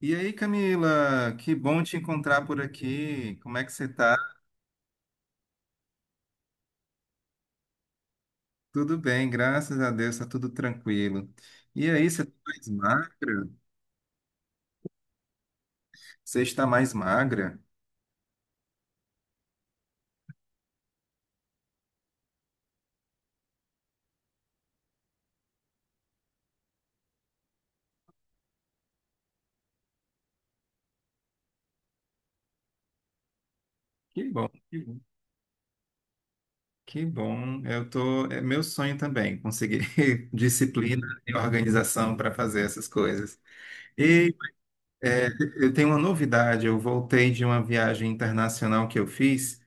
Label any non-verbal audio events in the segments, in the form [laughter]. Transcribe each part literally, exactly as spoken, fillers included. E aí, Camila, que bom te encontrar por aqui. Como é que você tá? Tudo bem, graças a Deus, tá tudo tranquilo. E aí, você tá mais magra? Você está mais magra? Que bom, que bom. Que bom. Eu tô, é meu sonho também, conseguir [laughs] disciplina e organização para fazer essas coisas. E é, eu tenho uma novidade, eu voltei de uma viagem internacional que eu fiz.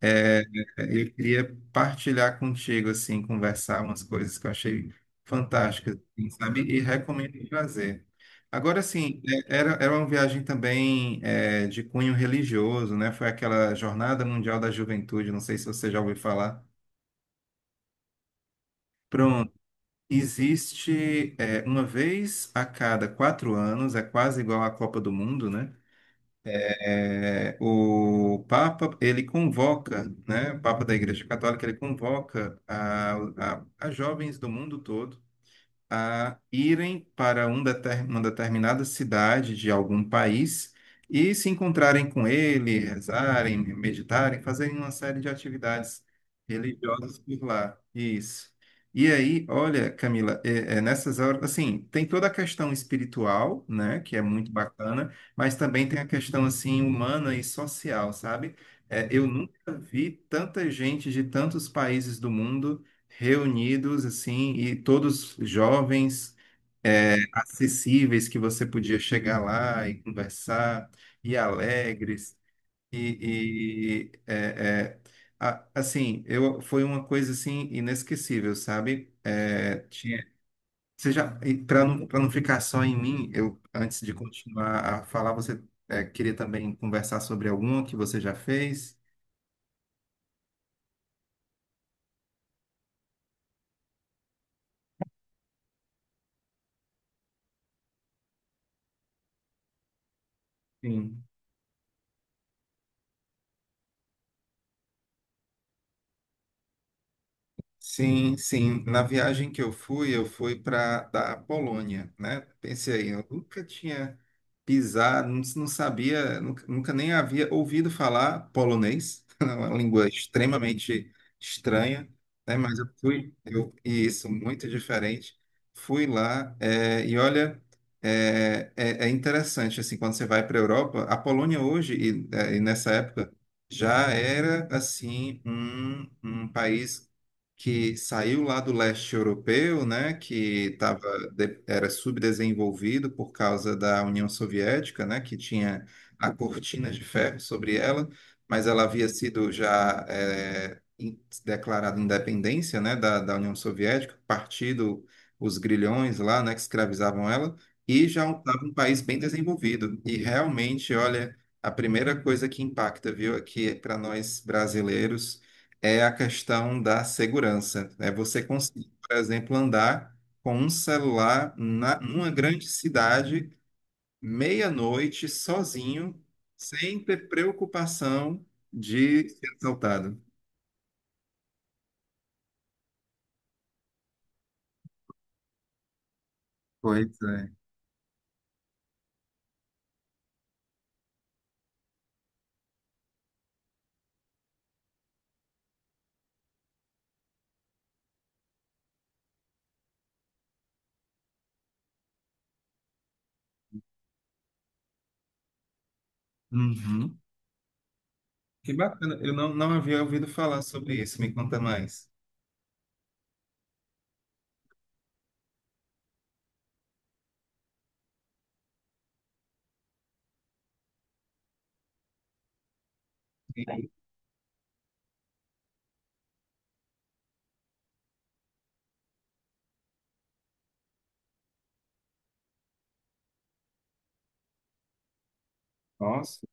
É, eu queria partilhar contigo, assim, conversar umas coisas que eu achei fantásticas, assim, sabe? E recomendo fazer. Agora, assim, é, era, era uma viagem também é, de cunho religioso, né? Foi aquela Jornada Mundial da Juventude, não sei se você já ouviu falar. Pronto, existe é, uma vez a cada quatro anos, é quase igual à Copa do Mundo, né? É, o Papa, ele convoca, né, o Papa da Igreja Católica, ele convoca a, a, a jovens do mundo todo a irem para um deter- uma determinada cidade de algum país e se encontrarem com ele, rezarem, meditarem, fazerem uma série de atividades religiosas por lá. Isso. E aí, olha, Camila, é, é nessas horas, assim, tem toda a questão espiritual, né, que é muito bacana, mas também tem a questão, assim, humana e social, sabe? É, eu nunca vi tanta gente de tantos países do mundo reunidos assim e todos jovens é, acessíveis, que você podia chegar lá e conversar, e alegres e, e, é, é, a- assim eu foi uma coisa assim inesquecível, sabe é, tinha você já. Para não, para não ficar só em mim, eu, antes de continuar a falar, você é, queria também conversar sobre alguma que você já fez. Sim. Sim, sim. Na viagem que eu fui, eu fui para da Polônia, né? Pensei aí, eu nunca tinha pisado, não, não sabia, nunca, nunca nem havia ouvido falar polonês, [laughs] é uma língua extremamente estranha, né? Mas eu fui, eu, e isso, muito diferente. Fui lá, eh, e olha, é, é, é interessante, assim, quando você vai para a Europa, a Polônia hoje, e, eh, e nessa época, já era, assim, um, um país que saiu lá do leste europeu, né, que tava, de- era subdesenvolvido por causa da União Soviética, né, que tinha a cortina de ferro sobre ela, mas ela havia sido já é, in- declarada independência, né, da, da União Soviética, partido os grilhões lá, né, que escravizavam ela, e já estava um país bem desenvolvido. E realmente, olha, a primeira coisa que impacta, viu, aqui para nós brasileiros, é a questão da segurança. É você conseguir, por exemplo, andar com um celular na, numa grande cidade, meia-noite, sozinho, sem ter preocupação de ser assaltado. Pois é. Uhum. Que bacana. Eu não, não havia ouvido falar sobre isso. Me conta mais. Nossa.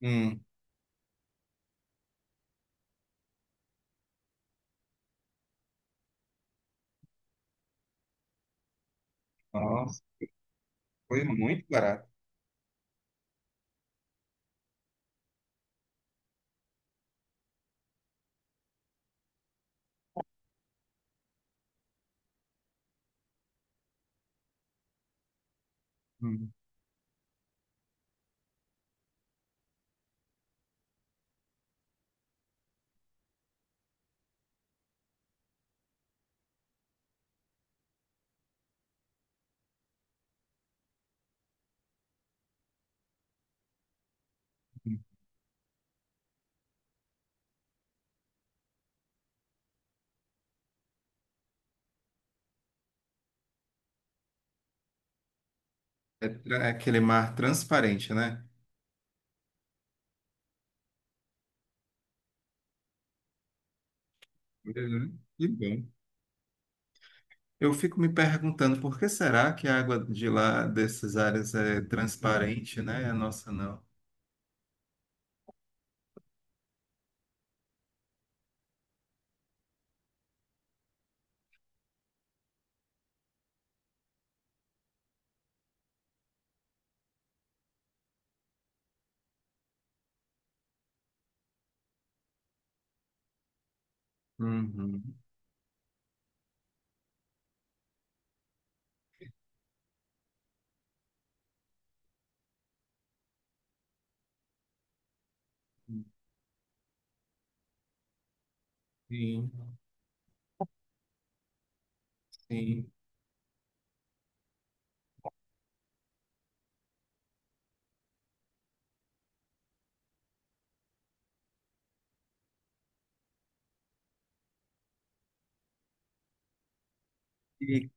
Hum, nossa. Foi muito barato. Hum, hum. É, tra- é aquele mar transparente, né? Uhum. Que bom. Eu fico me perguntando por que será que a água de lá dessas áreas é transparente, né? A nossa não. Uhum. Sim, sim. E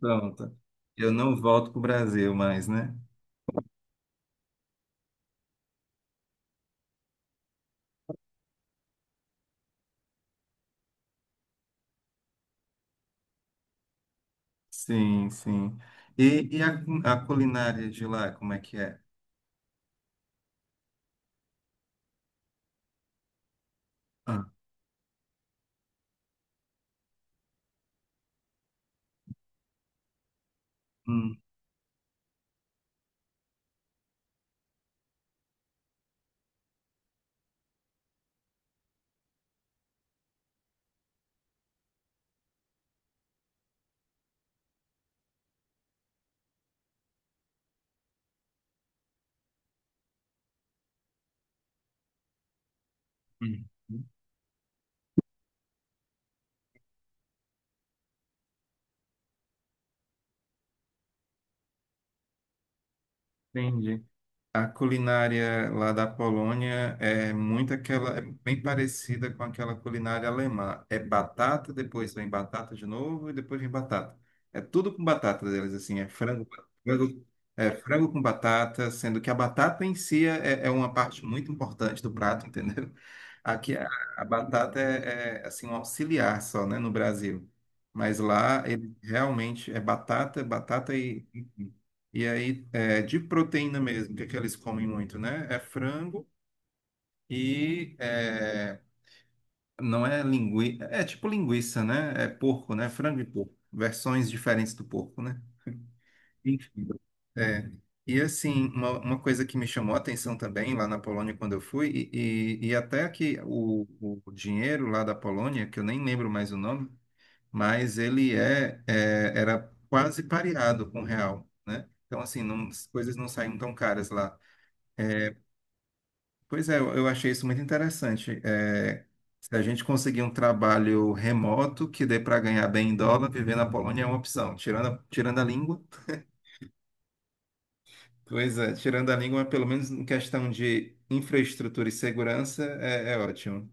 pronto. Eu não volto para o Brasil mais, né? Sim, sim. E, e a, a culinária de lá, como é que é? Ah, hum, hum. Entendi. A culinária lá da Polônia é muito aquela, é bem parecida com aquela culinária alemã. É batata, depois vem batata de novo e depois vem batata. É tudo com batata deles, assim, é frango, frango, é frango com batata, sendo que a batata em si é, é é uma parte muito importante do prato, [laughs] entendeu? Aqui a, a batata é, é, assim um auxiliar só, né, no Brasil. Mas lá ele realmente é batata, batata e e aí é de proteína mesmo, que é que eles comem muito, né? É frango e é, não é linguiça, é tipo linguiça, né? É porco, né? Frango e porco, versões diferentes do porco, né? Enfim. É. E assim, uma, uma coisa que me chamou a atenção também lá na Polônia quando eu fui, e, e, e até que o, o dinheiro lá da Polônia, que eu nem lembro mais o nome, mas ele é, é era quase pareado com o real, né? Então assim, não, as coisas não saíam tão caras lá. Pois é, eu eu achei isso muito interessante. É, se a gente conseguir um trabalho remoto que dê para ganhar bem em dólar, viver na Polônia é uma opção. Tirando a, tirando a língua, pois é, tirando a língua, pelo menos em questão de infraestrutura e segurança, é, é ótimo.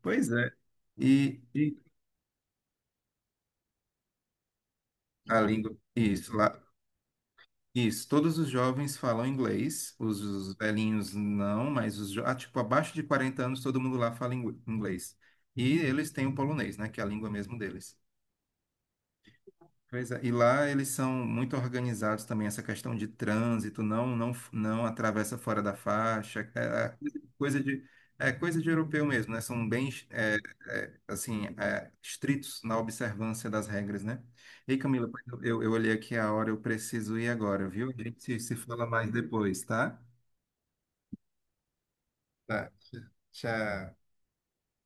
Pois é. E, e a língua, isso, lá, isso. Todos os jovens falam inglês, os, os velhinhos não, mas os, jo- ah, tipo, abaixo de quarenta anos, todo mundo lá fala ingl- inglês. E eles têm o polonês, né, que é a língua mesmo deles. Pois é, e lá eles são muito organizados também, essa questão de trânsito, não não não atravessa fora da faixa, é é coisa de é coisa de europeu mesmo, né? São bem é, é, assim é, estritos na observância das regras, né? Ei, Camila, pois eu, eu eu olhei aqui a hora, eu preciso ir agora, viu? A gente se se fala mais depois, tá? Tá, tchau.